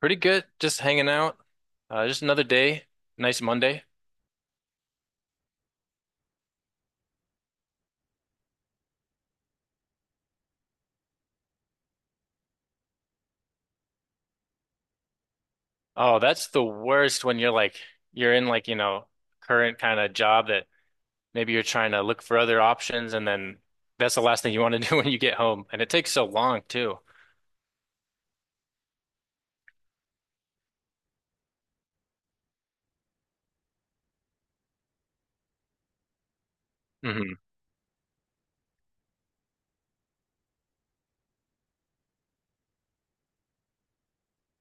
Pretty good. Just hanging out. Just another day. Nice Monday. Oh, that's the worst when you're in current kind of job that maybe you're trying to look for other options, and then that's the last thing you want to do when you get home. And it takes so long too.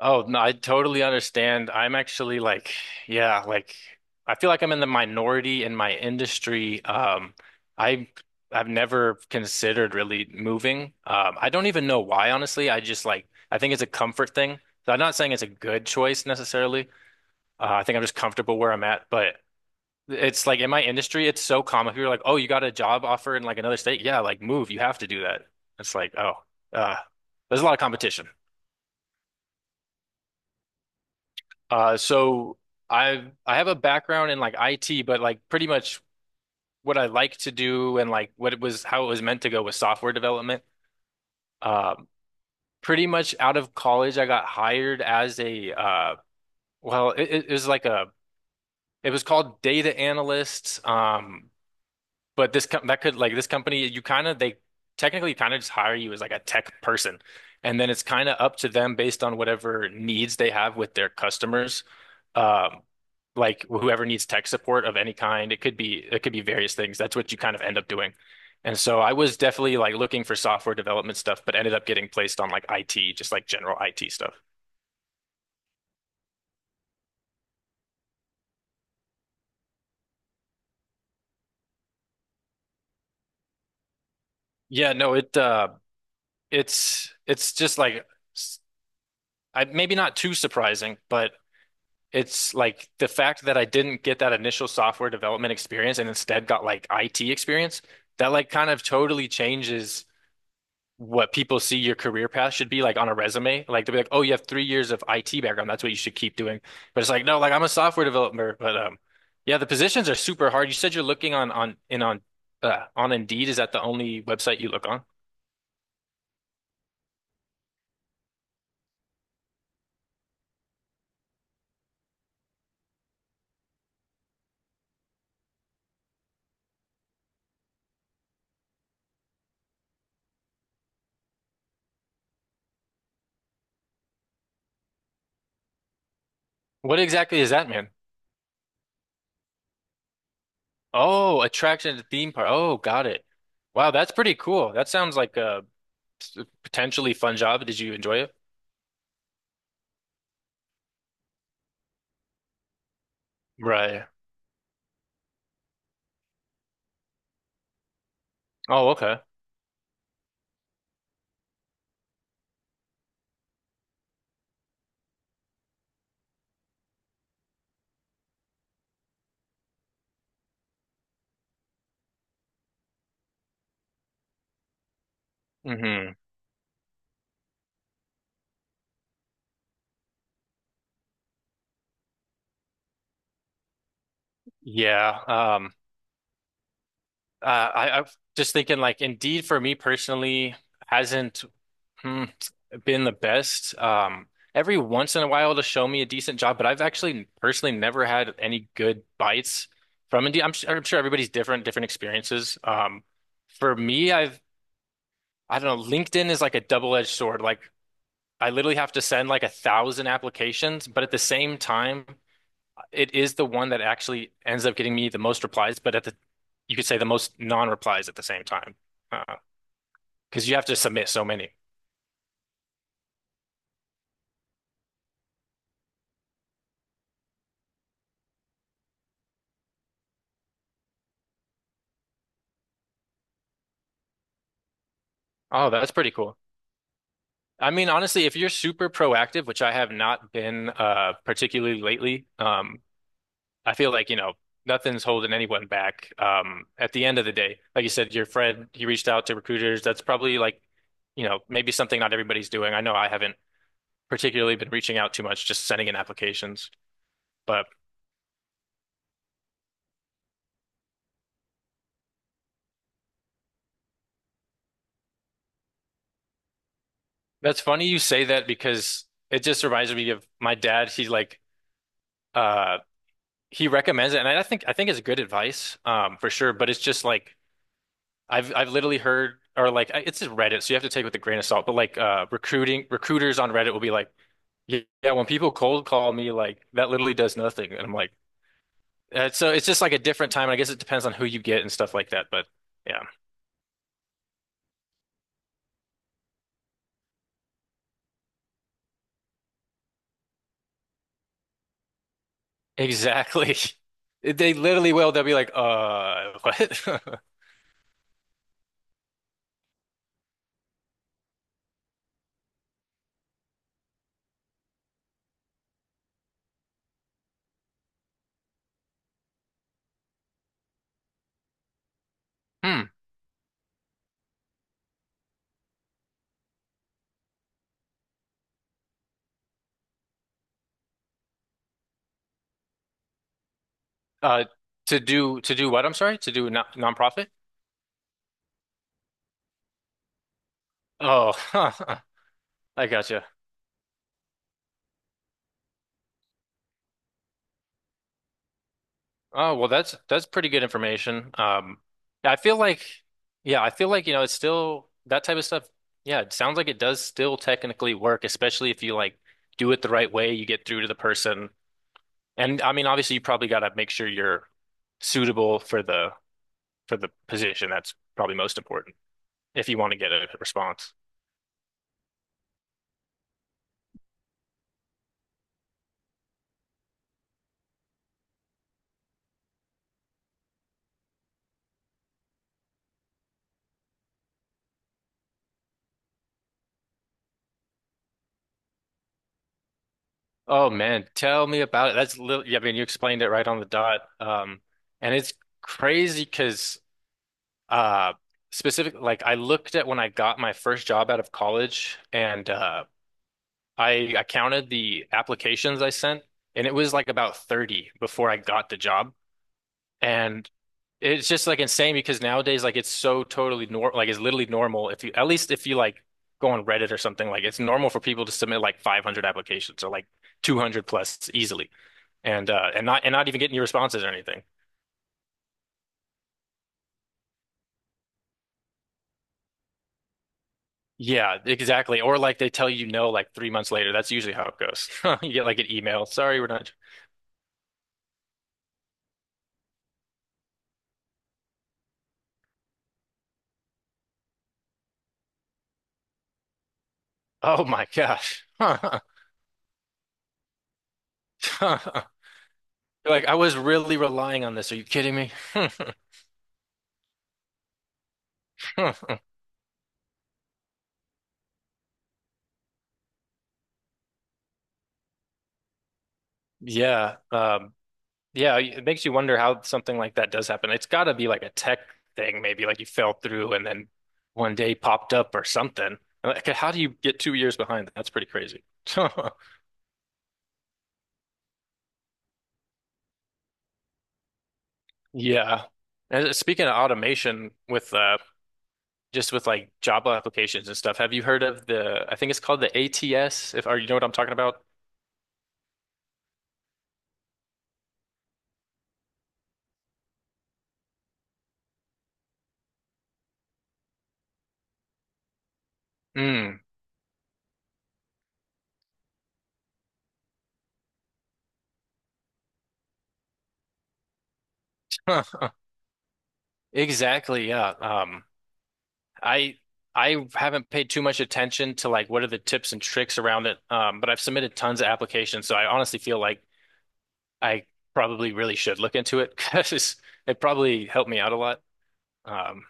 Oh, no, I totally understand. I'm actually like, yeah, like I feel like I'm in the minority in my industry. I I've never considered really moving. I don't even know why, honestly. I just like I think it's a comfort thing. So I'm not saying it's a good choice necessarily. I think I'm just comfortable where I'm at, but it's like in my industry, it's so common. People are like, "Oh, you got a job offer in like another state? Yeah, like move. You have to do that." It's like, uh, there's a lot of competition. Uh, so I have a background in like IT, but like pretty much what I like to do and like what it was how it was meant to go with software development. Um, Pretty much out of college, I got hired as a well, it was like a it was called data analyst. But this com that could like this company, you kind of they technically kind of just hire you as like a tech person, and then it's kind of up to them based on whatever needs they have with their customers, um, like whoever needs tech support of any kind. It could be various things. That's what you kind of end up doing. And so I was definitely like looking for software development stuff, but ended up getting placed on like IT, just like general IT stuff. Yeah, no, it's just like s- I maybe not too surprising, but it's like the fact that I didn't get that initial software development experience and instead got like IT experience, that like kind of totally changes what people see your career path should be like on a resume. Like they'll be like, oh, you have 3 years of IT background. That's what you should keep doing. But it's like, no, like I'm a software developer. But Yeah, the positions are super hard. You said you're looking on in on on Indeed. Is that the only website you look on? What exactly is that, man? Oh, attraction to theme park. Oh, got it. Wow, that's pretty cool. That sounds like a potentially fun job. Did you enjoy it? Right. Oh, okay. Hmm. Yeah. um, Uh, I'm just thinking like Indeed for me personally hasn't hmm, been the best. Every once in a while to show me a decent job, but I've actually personally never had any good bites from Indeed. I'm sure everybody's different experiences. For me, I've I don't know. LinkedIn is like a double-edged sword. Like I literally have to send like a thousand applications, but at the same time, it is the one that actually ends up getting me the most replies, but at the you could say the most non-replies at the same time. Huh. Because you have to submit so many. Oh, that's pretty cool. I mean, honestly, if you're super proactive, which I have not been particularly lately, I feel like, you know, nothing's holding anyone back. At the end of the day, like you said, your friend, he reached out to recruiters. That's probably like, you know, maybe something not everybody's doing. I know I haven't particularly been reaching out too much, just sending in applications. But that's funny you say that because it just reminds me of my dad. Uh he recommends it, and I think it's good advice for sure, but it's just like I've literally heard or it's just Reddit, so you have to take it with a grain of salt, but like recruiting recruiters on Reddit will be like, "Yeah, yeah, when people cold call me like that literally does nothing." And I'm like, so it's just like a different time. And I guess it depends on who you get and stuff like that, but yeah. Exactly. They literally will. They'll be like, what?" Hmm. Uh, to do what? I'm sorry, to do a nonprofit. Oh, I gotcha. Oh, well, that's pretty good information. I feel like, yeah, I feel like it's still that type of stuff. Yeah, it sounds like it does still technically work, especially if you like do it the right way. You get through to the person, and I mean, obviously, you probably got to make sure you're suitable for the position. That's probably most important. If you want to get a response. Oh man, tell me about it. That's I mean, you explained it right on the dot. And it's crazy because uh specific like I looked at when I got my first job out of college, and I counted the applications I sent, and it was like about 30 before I got the job. And it's just like insane because nowadays, like, it's so totally normal. Like, it's literally normal if you, at least if you like go on Reddit or something, like, it's normal for people to submit like 500 applications or like 200 plus easily, and not even get any responses or anything. Yeah, exactly. Or like they tell you no like 3 months later. That's usually how it goes. You get like an email. Sorry, we're not. Oh my gosh. You're like, I was really relying on this. Are you kidding me? Yeah. Yeah, it makes you wonder how something like that does happen. It's got to be like a tech thing, maybe like you fell through and then one day popped up or something. Like, how do you get 2 years behind? That's pretty crazy. Yeah. And speaking of automation with just with like Java applications and stuff, have you heard of the I think it's called the ATS, if or you know what I'm talking about? Mm. Exactly, yeah. I I haven't paid too much attention to like what are the tips and tricks around it. But I've submitted tons of applications, so I honestly feel like I probably really should look into it because it probably helped me out a lot. Um,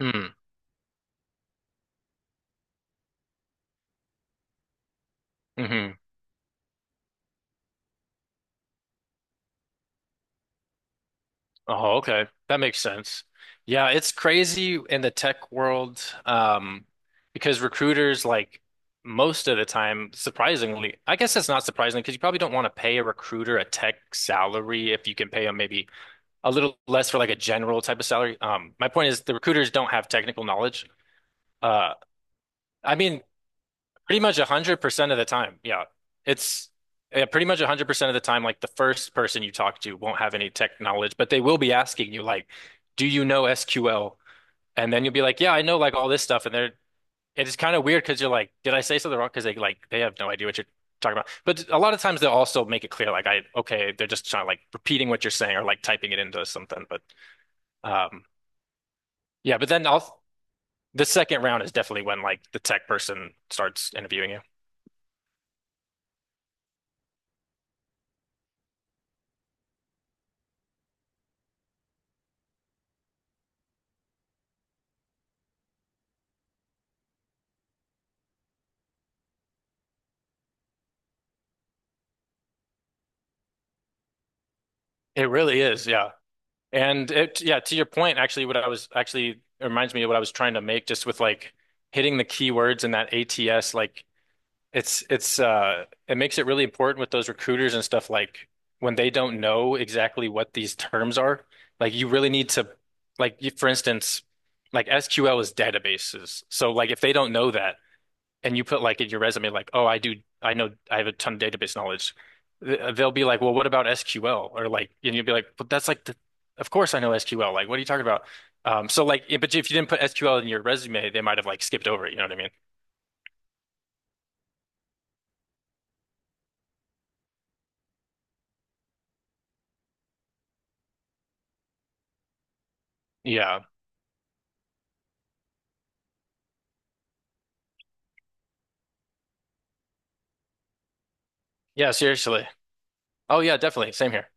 hmm, hmm Oh, okay. That makes sense. Yeah, it's crazy in the tech world, because recruiters like most of the time, surprisingly, I guess it's not surprising because you probably don't want to pay a recruiter a tech salary if you can pay them maybe a little less for like a general type of salary. My point is the recruiters don't have technical knowledge. Uh, I mean, pretty much 100% of the time. Yeah. It's yeah, Pretty much 100% of the time, like the first person you talk to won't have any tech knowledge, but they will be asking you, like, do you know SQL? And then you'll be like, yeah, I know like all this stuff. It's kind of weird because you're like, did I say something wrong? Because they have no idea what you're talking about. But a lot of times they'll also make it clear, like, okay, they're just trying like repeating what you're saying or like typing it into something. Um, Yeah, but the second round is definitely when like the tech person starts interviewing you. It really is, yeah. And to your point, actually, what I was actually it reminds me of what I was trying to make just with like hitting the keywords in that ATS. It makes it really important with those recruiters and stuff like when they don't know exactly what these terms are, like you really need to for instance, like SQL is databases. So like if they don't know that and you put like in your resume like, "Oh, I know I have a ton of database knowledge." They'll be like, "Well, what about SQL?" or like and you'll be like, "But that's like the of course I know SQL. Like what are you talking about?" So like yeah, but if you didn't put SQL in your resume, they might have like skipped over it, you know what I mean? Yeah. Yeah, seriously. Oh yeah, definitely. Same here.